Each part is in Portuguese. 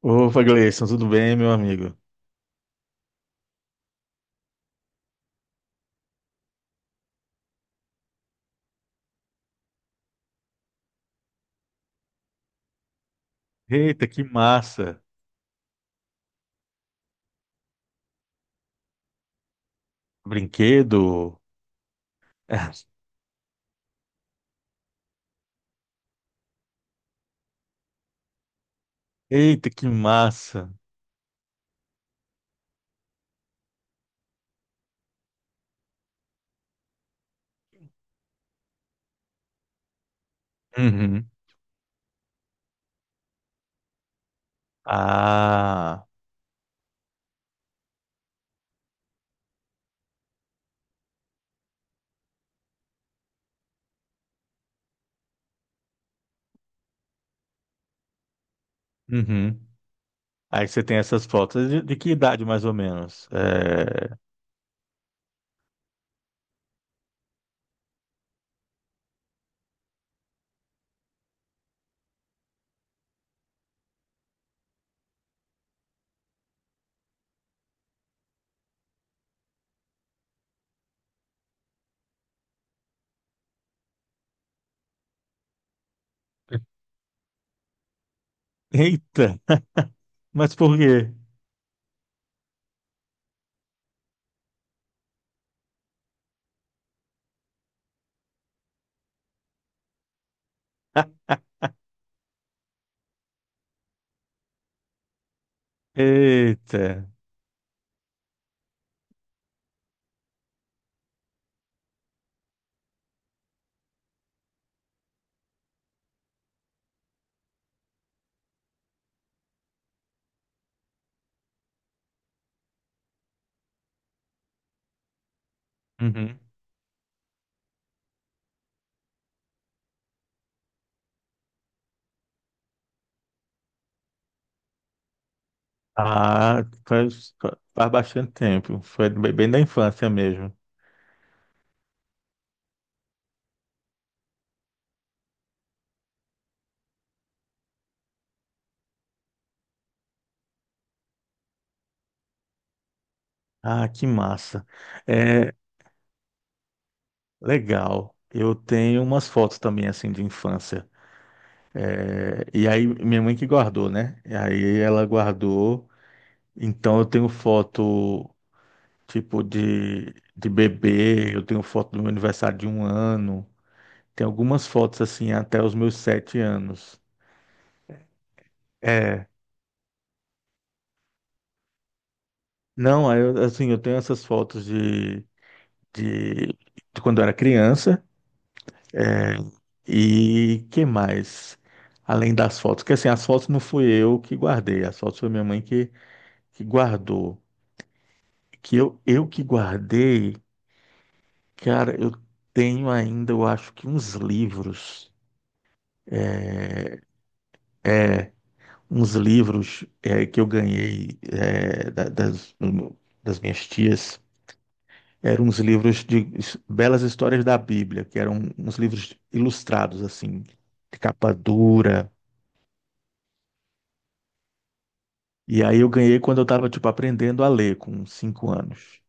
Opa, Gleison, tudo bem, meu amigo? Eita, que massa! Brinquedo? Eita, que massa! Uhum. Ah, uhum. Aí você tem essas fotos. De que idade, mais ou menos? Eita, mas por quê? Eita. Uhum. Ah, faz bastante tempo. Foi bem bem da infância mesmo. Ah, que massa. É, legal. Eu tenho umas fotos também, assim, de infância. É, e aí, minha mãe que guardou, né? E aí ela guardou. Então, eu tenho foto, tipo, de bebê. Eu tenho foto do meu aniversário de 1 ano. Tem algumas fotos, assim, até os meus 7 anos. É. Não, aí assim, eu tenho essas fotos de, de quando eu era criança. E que mais? Além das fotos. Porque, assim, as fotos não fui eu que guardei. As fotos foi minha mãe que guardou, que eu que guardei, cara, eu tenho ainda, eu acho que uns livros que eu ganhei das minhas tias, eram uns livros de belas histórias da Bíblia, que eram uns livros ilustrados, assim, de capa dura. E aí eu ganhei quando eu estava, tipo, aprendendo a ler, com 5 anos.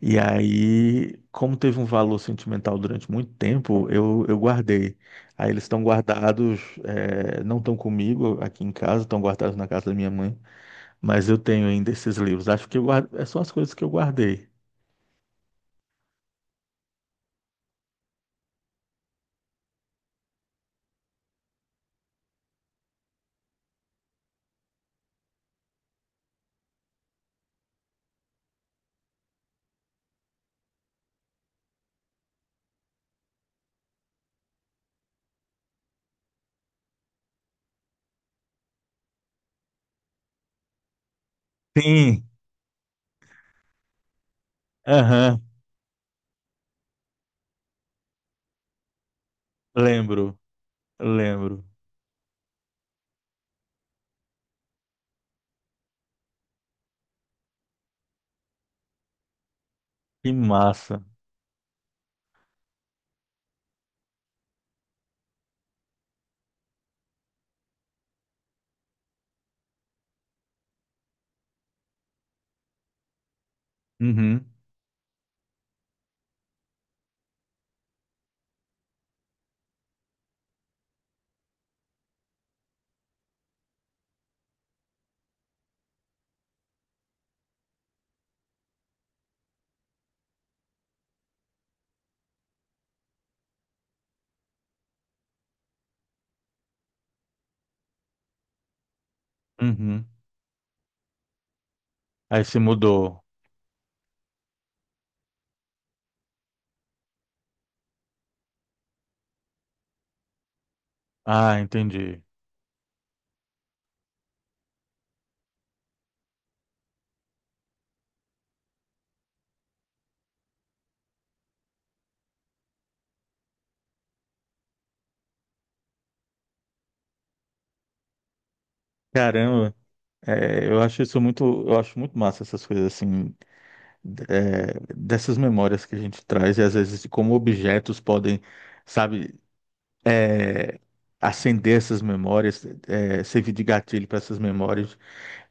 E aí, como teve um valor sentimental durante muito tempo, eu guardei. Aí eles estão guardados, não estão comigo aqui em casa, estão guardados na casa da minha mãe, mas eu tenho ainda esses livros. Acho que eu guardo, é só as coisas que eu guardei. Sim, aham, lembro, lembro. Que massa. Uhum, uhum. Aí se mudou. Ah, entendi. Caramba, é, eu acho isso muito, eu acho muito massa essas coisas assim, é, dessas memórias que a gente traz e às vezes de como objetos podem, sabe, é, acender essas memórias, servir de gatilho para essas memórias.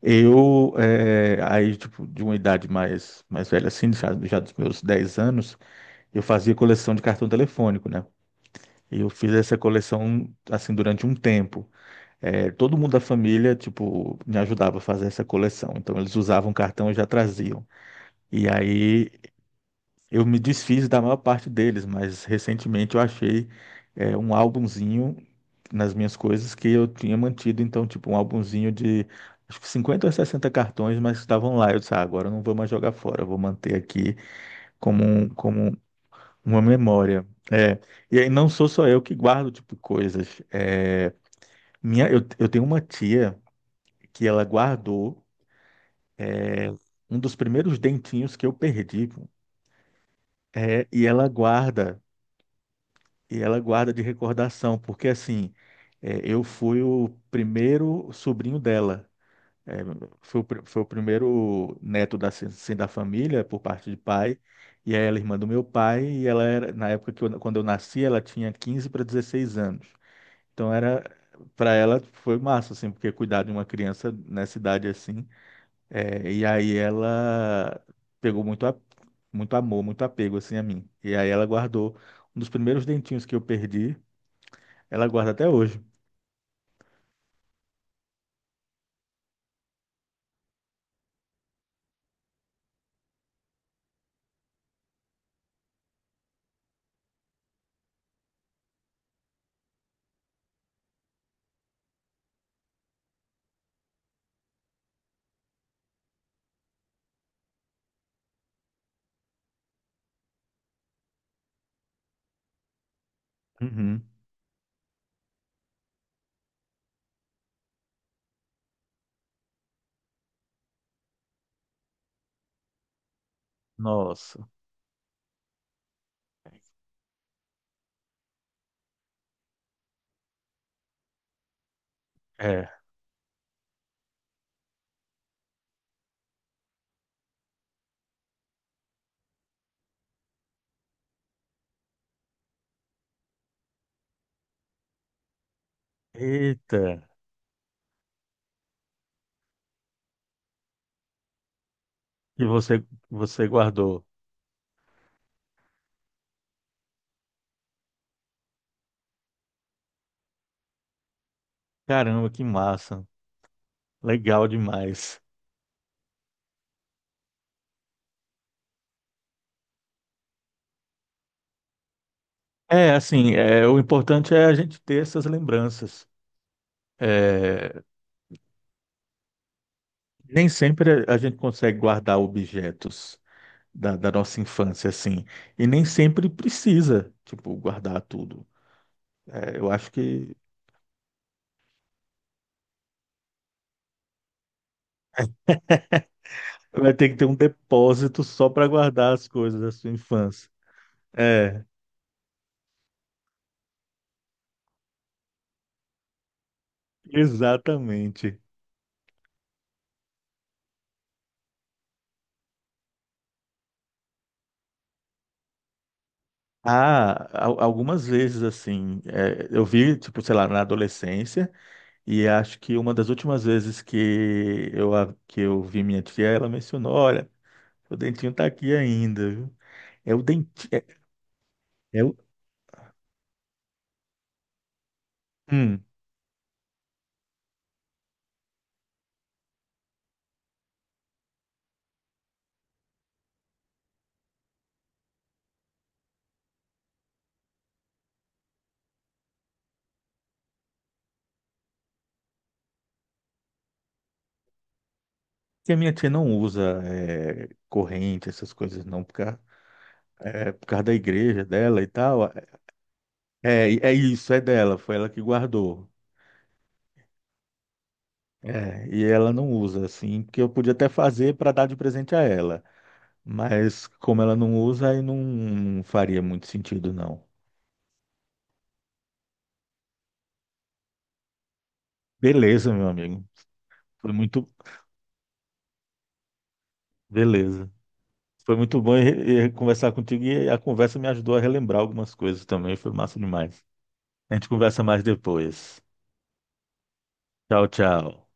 Eu, é, aí, tipo, de uma idade mais velha, assim, já dos meus 10 anos, eu fazia coleção de cartão telefônico, né? E eu fiz essa coleção, assim, durante um tempo. É, todo mundo da família, tipo, me ajudava a fazer essa coleção. Então, eles usavam cartão e já traziam. E aí eu me desfiz da maior parte deles, mas recentemente eu achei é, um álbumzinho nas minhas coisas que eu tinha mantido, então, tipo, um álbumzinho de acho que 50 ou 60 cartões, mas estavam lá. Eu disse, ah, agora eu não vou mais jogar fora, eu vou manter aqui como, como uma memória. É, e aí não sou só eu que guardo, tipo, coisas. É, eu tenho uma tia que ela guardou um dos primeiros dentinhos que eu perdi, é, e ela guarda. E ela guarda de recordação, porque assim, eu fui o primeiro sobrinho dela. Eh, foi o primeiro neto da, assim, da família, por parte de pai, e aí ela é irmã do meu pai, e ela era, na época que eu, quando eu nasci, ela tinha 15 para 16 anos. Então era, para ela foi massa, assim, porque cuidar de uma criança nessa idade assim, e aí ela pegou muito, muito amor, muito apego, assim, a mim. E aí ela guardou um dos primeiros dentinhos que eu perdi, ela guarda até hoje. Uhum. Nossa. É. Eita. E você guardou. Caramba, que massa. Legal demais. É, assim, é, o importante é a gente ter essas lembranças. É, nem sempre a gente consegue guardar objetos da nossa infância, assim. E nem sempre precisa, tipo, guardar tudo. É, eu acho que vai ter que ter um depósito só para guardar as coisas da sua infância. É, exatamente. Ah, algumas vezes assim, é, eu vi, tipo, sei lá, na adolescência, e acho que uma das últimas vezes que eu vi minha tia, ela mencionou, olha, o dentinho tá aqui ainda, viu? É o dentinho, é o... Hum, que a minha tia não usa corrente, essas coisas não, por causa da igreja dela e tal. É, é isso, é dela, foi ela que guardou. É, e ela não usa, assim, porque eu podia até fazer para dar de presente a ela. Mas como ela não usa, aí não faria muito sentido, não. Beleza, meu amigo. Foi muito. Beleza. Foi muito bom e conversar contigo e a conversa me ajudou a relembrar algumas coisas também. Foi massa demais. A gente conversa mais depois. Tchau, tchau.